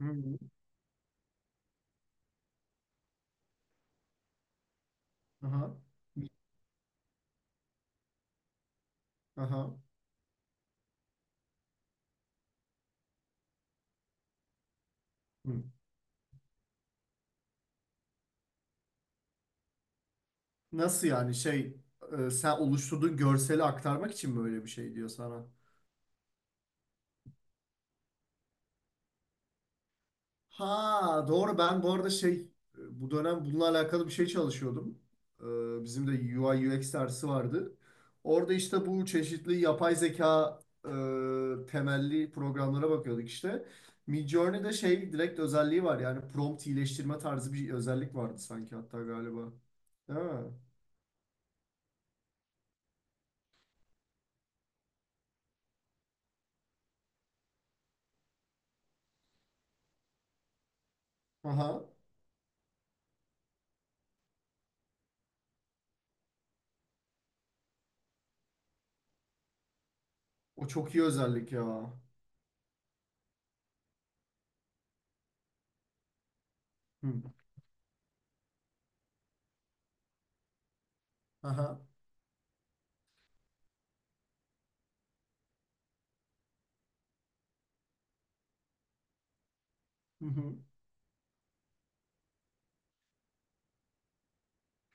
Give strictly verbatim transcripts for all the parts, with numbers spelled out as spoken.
Hı hı. Aha. Aha. Hı. Nasıl yani şey e, sen oluşturduğun görseli aktarmak için mi öyle bir şey diyor sana? Ha doğru, ben bu arada şey, e, bu dönem bununla alakalı bir şey çalışıyordum. E, bizim de U I U X dersi vardı. Orada işte bu çeşitli yapay zeka e, temelli programlara bakıyorduk işte. Midjourney'de şey direkt özelliği var, yani prompt iyileştirme tarzı bir özellik vardı sanki hatta galiba. Değil mi? Aha. O çok iyi özellik ya. Hı. Aha. Hı hı.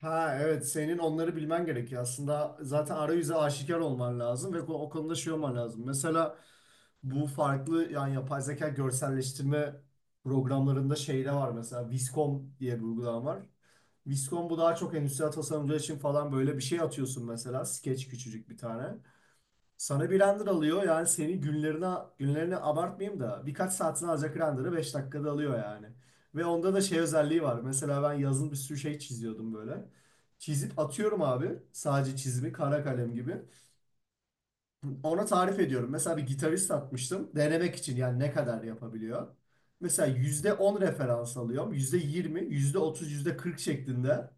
Ha evet, senin onları bilmen gerekiyor. Aslında zaten arayüze aşikar olman lazım ve ko- o konuda şey olman lazım. Mesela bu farklı yani yapay zeka görselleştirme programlarında şey de var, mesela Viscom diye bir uygulama var. Viscom, bu daha çok endüstriyel tasarımcı için falan, böyle bir şey atıyorsun mesela. Sketch, küçücük bir tane. Sana bir render alıyor, yani senin günlerine günlerini abartmayayım da birkaç saatini alacak render'ı beş dakikada alıyor yani. Ve onda da şey özelliği var. Mesela ben yazın bir sürü şey çiziyordum böyle. Çizip atıyorum abi, sadece çizimi kara kalem gibi. Ona tarif ediyorum. Mesela bir gitarist atmıştım denemek için, yani ne kadar yapabiliyor. Mesela yüzde on referans alıyorum. Yüzde yirmi, yüzde otuz, yüzde kırk şeklinde.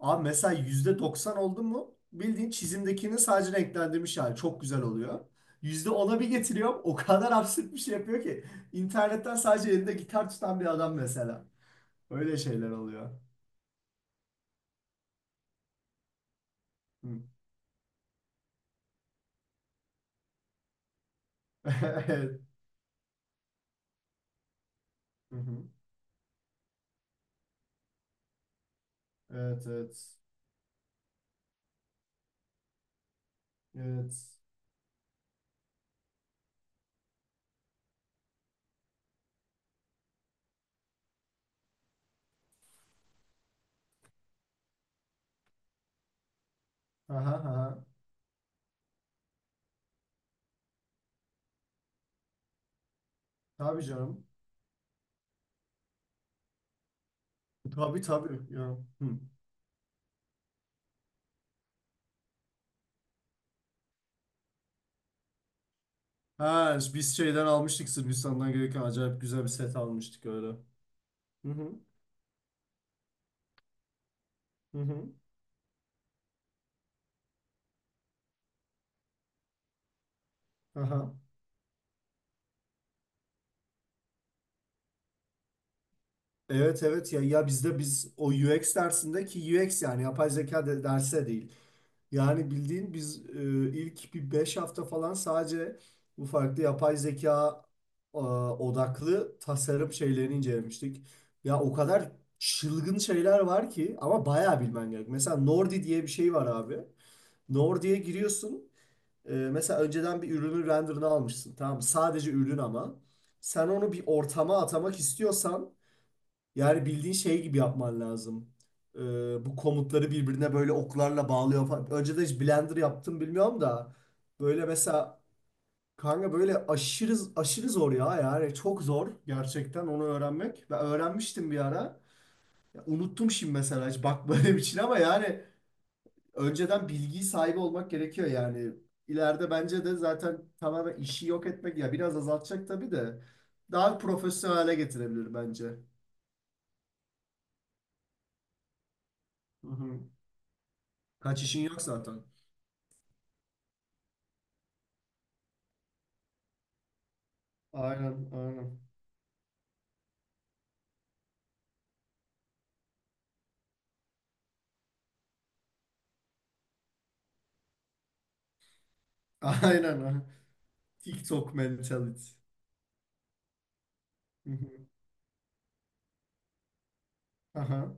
Abi mesela yüzde doksan oldu mu bildiğin çizimdekini sadece renklendirmiş hali, çok güzel oluyor. Yüzde ona bir getiriyor, o kadar absürt bir şey yapıyor ki. İnternetten sadece elinde gitar tutan bir adam mesela. Öyle şeyler oluyor. Hı. Evet. Hı hı. Evet evet. Evet. Aha, aha. Tabii canım. Tabii tabii. Ya. Hı. Ha, biz şeyden almıştık, Sırbistan'dan gelirken acayip güzel bir set almıştık öyle. Hı hı. Hı hı. Aha. Evet evet, ya ya bizde biz o U X dersindeki U X, yani yapay zeka de, derse değil. Yani bildiğin biz e, ilk bir beş hafta falan sadece bu farklı yapay zeka e, odaklı tasarım şeylerini incelemiştik. Ya o kadar çılgın şeyler var ki, ama bayağı bilmen gerek. Mesela Nordi diye bir şey var abi. Nordi'ye giriyorsun. Ee, mesela önceden bir ürünün renderını almışsın. Tamam mı? Sadece ürün ama. Sen onu bir ortama atamak istiyorsan yani bildiğin şey gibi yapman lazım. Ee, Bu komutları birbirine böyle oklarla bağlıyor falan. Önceden hiç Blender yaptım bilmiyorum da. Böyle mesela kanka, böyle aşırı aşırı zor ya, yani çok zor gerçekten onu öğrenmek. Ben öğrenmiştim bir ara. Ya unuttum şimdi mesela, hiç bakmadığım için, ama yani önceden bilgiyi sahibi olmak gerekiyor yani. İleride bence de zaten tamamen işi yok etmek, ya, biraz azaltacak tabii de daha profesyonel hale getirebilir bence. Hı hı. Kaç işin yok zaten. Aynen, aynen. Aynen. Aynen. TikTok mentality. Hı hı. Aha,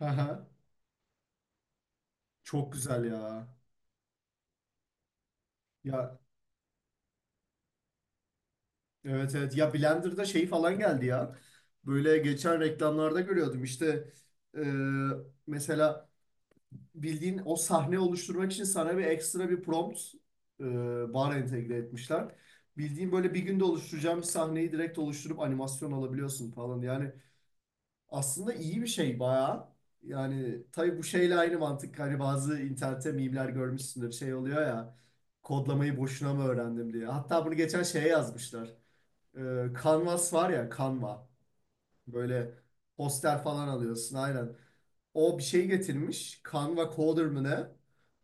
aha. Çok güzel ya. Ya evet evet. Ya Blender'da şey falan geldi ya. Böyle geçen reklamlarda görüyordum. İşte e, mesela bildiğin o sahne oluşturmak için sana bir ekstra bir prompt e, bar entegre etmişler. Bildiğin böyle bir günde oluşturacağım bir sahneyi direkt oluşturup animasyon alabiliyorsun falan. Yani aslında iyi bir şey bayağı. Yani tabii bu şeyle aynı mantık. Hani bazı internette mimler görmüşsündür. Şey oluyor ya. Kodlamayı boşuna mı öğrendim diye. Hatta bunu geçen şeye yazmışlar. Ee, Canvas var ya, Canva. Böyle poster falan alıyorsun aynen. O bir şey getirmiş. Canva Coder mı ne?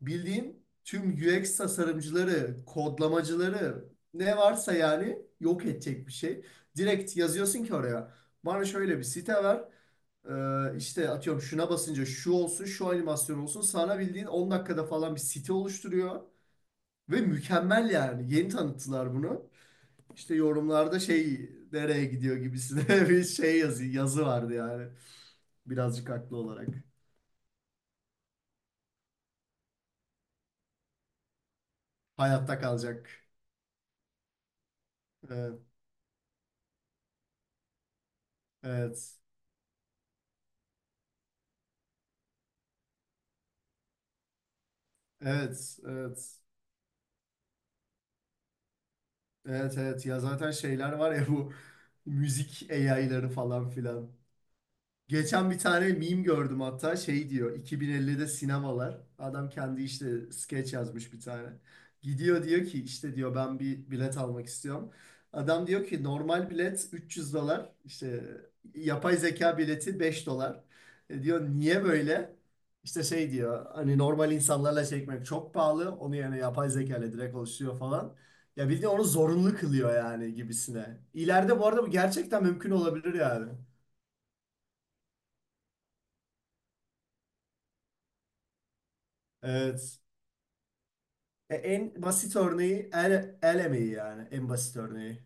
Bildiğin tüm U X tasarımcıları, kodlamacıları, ne varsa yani yok edecek bir şey. Direkt yazıyorsun ki oraya. Bana şöyle bir site ver. Ee, işte atıyorum, şuna basınca şu olsun, şu animasyon olsun. Sana bildiğin on dakikada falan bir site oluşturuyor. Ve mükemmel yani. Yeni tanıttılar bunu. İşte yorumlarda şey nereye gidiyor gibisine, bir şey yazı, yazı vardı yani. Birazcık haklı olarak. Hayatta kalacak. Evet, evet, evet, evet, evet, evet. Ya zaten şeyler var ya, bu müzik A I'ları falan filan. Geçen bir tane meme gördüm hatta, şey diyor, iki bin ellide sinemalar, adam kendi işte skeç yazmış bir tane. Gidiyor diyor ki, işte diyor, ben bir bilet almak istiyorum. Adam diyor ki, normal bilet üç yüz dolar, işte yapay zeka bileti beş dolar. E diyor, niye böyle? İşte şey diyor, hani normal insanlarla çekmek çok pahalı onu, yani yapay zeka ile direkt oluşuyor falan. Ya bildiğin onu zorunlu kılıyor yani gibisine. İleride bu arada bu gerçekten mümkün olabilir yani. Evet. E, en basit örneği el, el emeği yani. En basit örneği.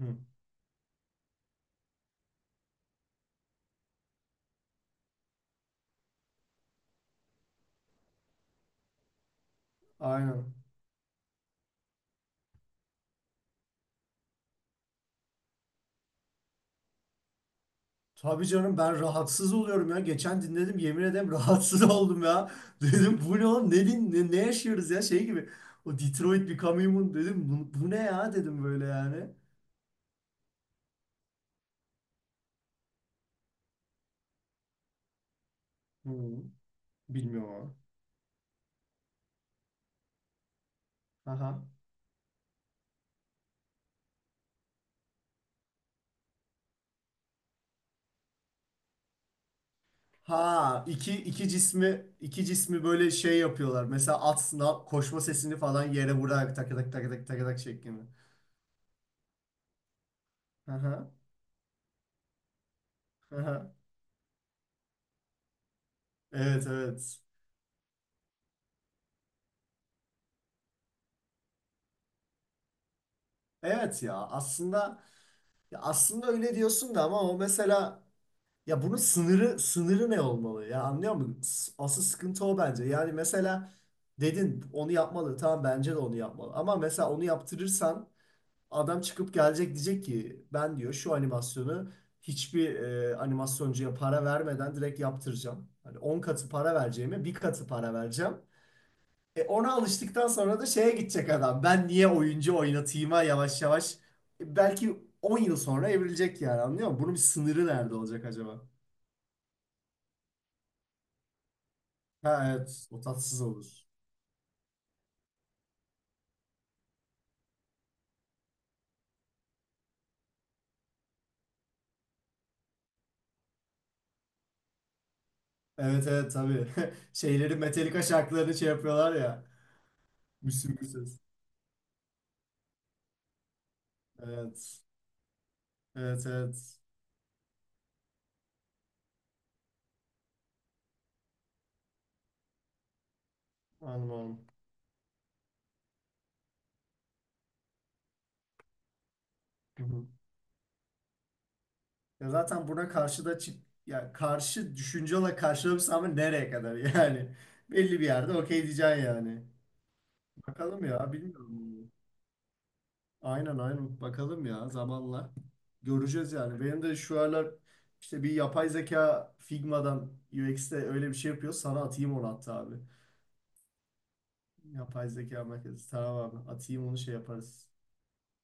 Hı. Aynen. Tabii canım, ben rahatsız oluyorum ya. Geçen dinledim yemin ederim, rahatsız oldum ya. Dedim bu ne oğlum, ne, din- ne, ne yaşıyoruz ya, şey gibi. O Detroit Become Human dedim, bu, bu ne ya dedim böyle yani. Hı. Bilmiyorum ama. Aha. Ha, iki, iki cismi iki cismi böyle şey yapıyorlar. Mesela at sınav koşma sesini falan yere vurarak, tak tak tak tak tak tak şeklinde. Aha. Aha. Evet evet. Evet ya aslında, ya aslında öyle diyorsun da, ama o mesela, ya bunun sınırı sınırı ne olmalı ya, anlıyor musun? S- Asıl sıkıntı o bence. Yani mesela dedin onu yapmalı, tamam, bence de onu yapmalı, ama mesela onu yaptırırsan adam çıkıp gelecek, diyecek ki, ben diyor şu animasyonu hiçbir e, animasyoncuya para vermeden direkt yaptıracağım. Hani on katı para vereceğime bir katı para vereceğim. E, ona alıştıktan sonra da şeye gidecek adam. Ben niye oyuncu oynatayım'a yavaş yavaş e, belki on yıl sonra evrilecek, yani anlıyor musun? Bunun bir sınırı nerede olacak acaba? Ha evet, o tatsız olur. Evet evet tabii. Şeyleri, Metallica şarkılarını şey yapıyorlar ya. Müslüm Gürses. Evet. Evet evet. Anladım. Hı hı. Ya zaten buna karşı da çık, ya karşı düşünce olarak karşılamışsın, ama nereye kadar yani? Belli bir yerde okey diyeceksin yani. Bakalım ya, bilmiyorum. Aynen aynen. Bakalım ya zamanla. Göreceğiz yani. Benim de şu aralar işte bir yapay zeka Figma'dan U X'te öyle bir şey yapıyor. Sana atayım onu hatta abi. Yapay zeka merkezi. Tamam abi. Atayım onu şey yaparız.